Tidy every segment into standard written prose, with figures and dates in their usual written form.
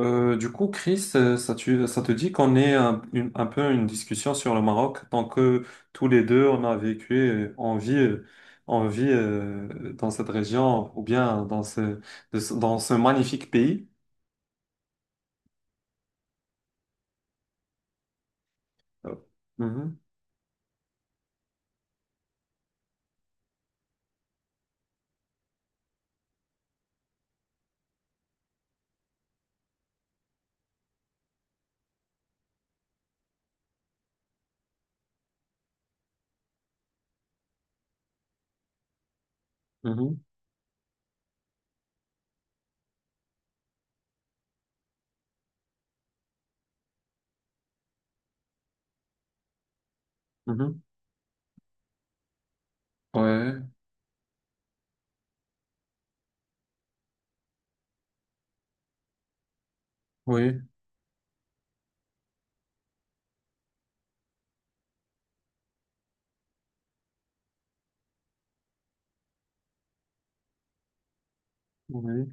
Du coup, Chris, ça, ça te dit qu'on ait un peu une discussion sur le Maroc, tant que tous les deux, on a vécu, on vit dans cette région ou bien dans dans ce magnifique pays. Euh, mhm, mhm, mhm. Ouais, oui, oui.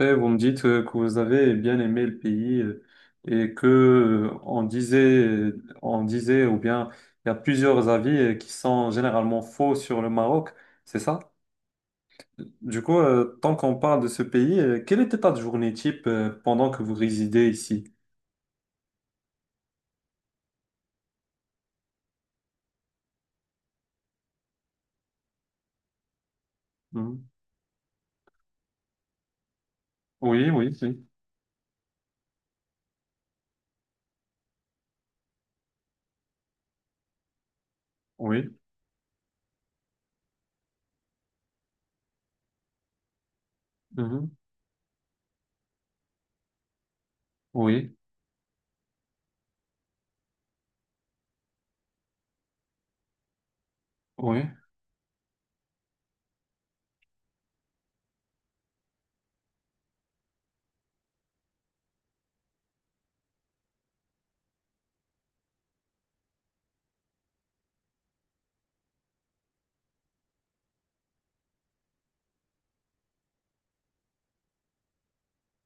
Et vous me dites que vous avez bien aimé le pays, et que on disait, ou bien il y a plusieurs avis qui sont généralement faux sur le Maroc, c'est ça? Du coup, tant qu'on parle de ce pays, quelle était ta journée type pendant que vous résidez ici? Mhm. Oui, oui, oui, oui, mhm. Oui, oui,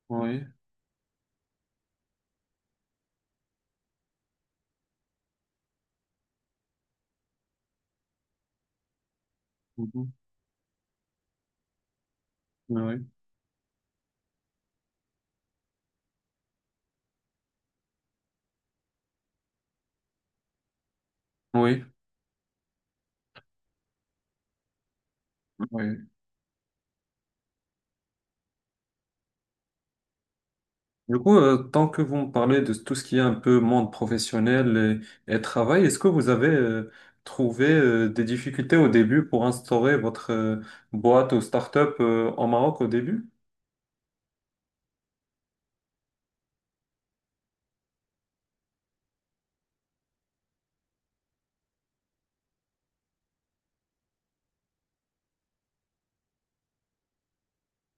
oui, mhm. Oui, oui, oui. Du coup, tant que vous me parlez de tout ce qui est un peu monde professionnel et, travail, est-ce que vous avez trouvé des difficultés au début pour instaurer votre boîte ou start-up en Maroc au début?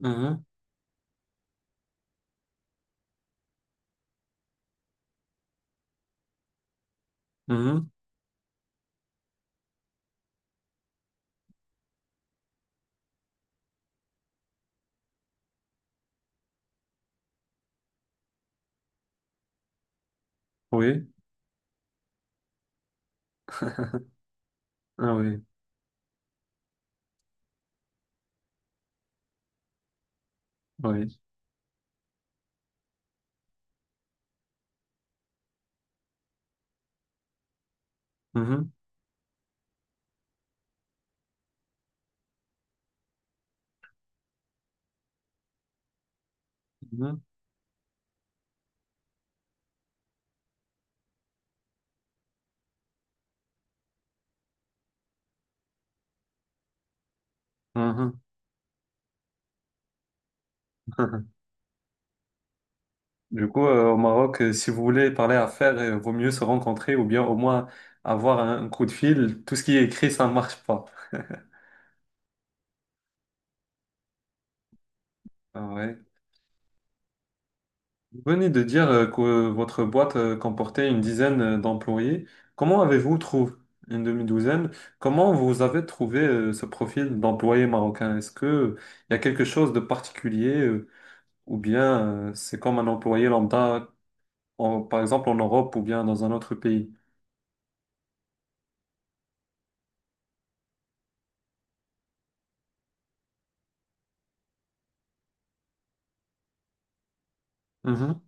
Mhm. Mhm. Oui, ah oui, oui. Mhm. Mhm. Mhm. Du coup, au Maroc, si vous voulez parler affaires, vaut mieux se rencontrer ou bien au moins avoir un coup de fil. Tout ce qui est écrit, ça ne marche pas. Ah ouais. Vous venez de dire que votre boîte comportait une dizaine d'employés. Comment avez-vous trouvé une demi-douzaine? Comment vous avez trouvé ce profil d'employé marocain? Est-ce que il y a quelque chose de particulier ou bien c'est comme un employé lambda, par exemple en Europe ou bien dans un autre pays? Mhm,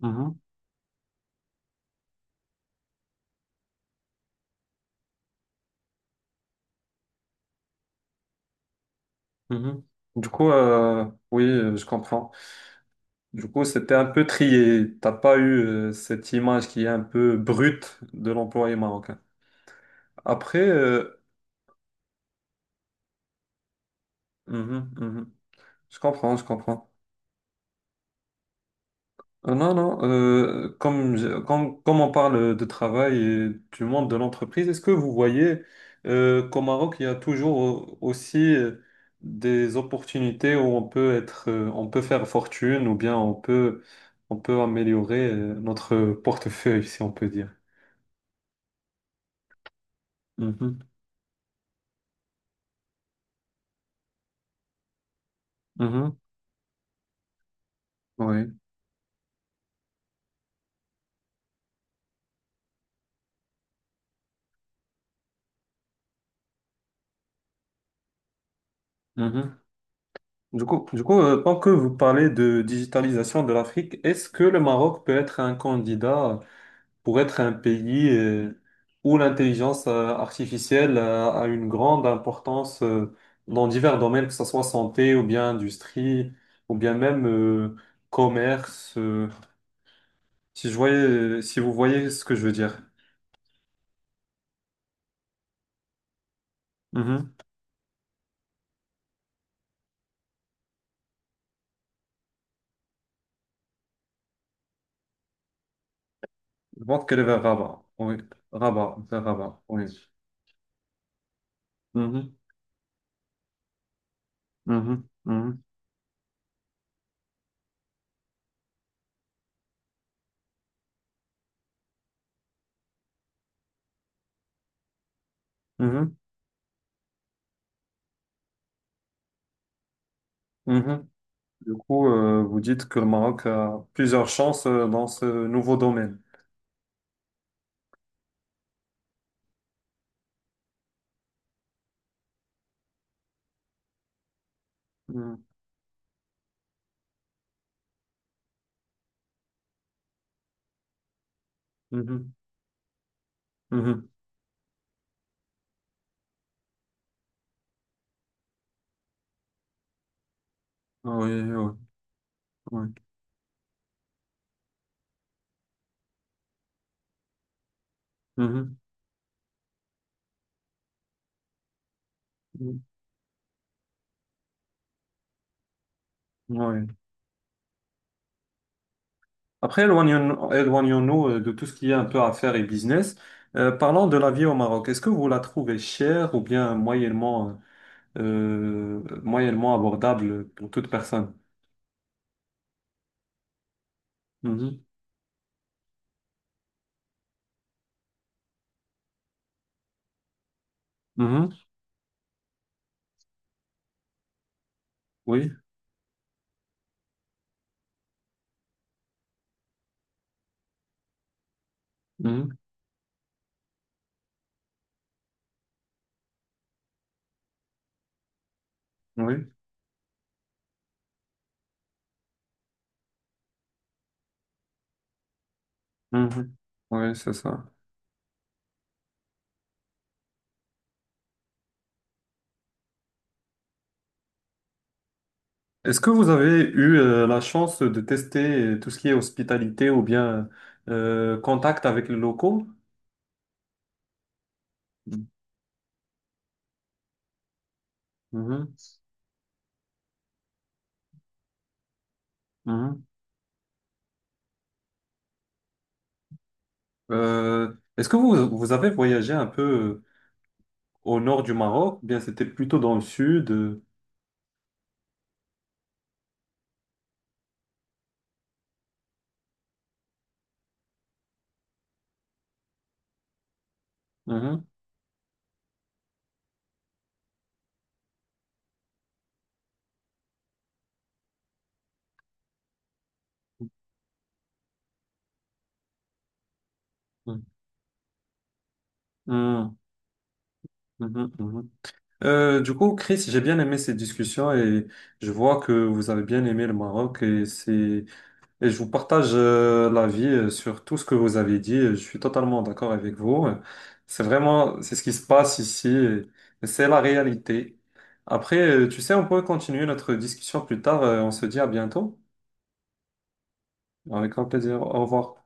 mhm. Mhm. Du coup, oui, je comprends. Du coup, c'était un peu trié. T'as pas eu cette image qui est un peu brute de l'employé marocain. Après, mhm, mhm. Je comprends, je comprends. Non, non, comme on parle de travail et du monde de l'entreprise, est-ce que vous voyez qu'au Maroc, il y a toujours aussi des opportunités où on peut être, on peut faire fortune ou bien on peut améliorer notre portefeuille, si on peut dire. Mhm, mhm, oui, mhm. Du coup, tant que vous parlez de digitalisation de l'Afrique, est-ce que le Maroc peut être un candidat pour être un pays où l'intelligence artificielle a une grande importance dans divers domaines, que ce soit santé ou bien industrie ou bien même commerce. Si je voyais, si vous voyez ce que je veux dire. Mhm. Je pense qu'elle est vers Rabat. Oui. Rabat, vers Rabat. Oui. Mhm. Mhm. Mhm. Mhm. Mhm. Du coup, vous dites que le Maroc a plusieurs chances dans ce nouveau domaine. Mhm. Mhm. Mhm. Ah oui, oui, oui. Mhm, mhm, ouais. Après, éloignons-nous de tout ce qui est un peu affaires et business. Parlons de la vie au Maroc. Est-ce que vous la trouvez chère ou bien moyennement, moyennement abordable pour toute personne? Mhm, mhm, oui, mhm, oui, mhm, oui, c'est ça. Est-ce que vous avez eu la chance de tester tout ce qui est hospitalité ou bien contact avec les locaux? Mhm, mhm. Mhm. Euh, est-ce que vous avez voyagé un peu au nord du Maroc, eh bien c'était plutôt dans le sud. Mhm, mhm, mhm, mhm, mhm. Du coup, Chris, j'ai bien aimé cette discussion et je vois que vous avez bien aimé le Maroc et c'est et je vous partage l'avis sur tout ce que vous avez dit. Je suis totalement d'accord avec vous. C'est vraiment c'est ce qui se passe ici. Et c'est la réalité. Après, tu sais, on peut continuer notre discussion plus tard. On se dit à bientôt. Avec grand plaisir. Au revoir.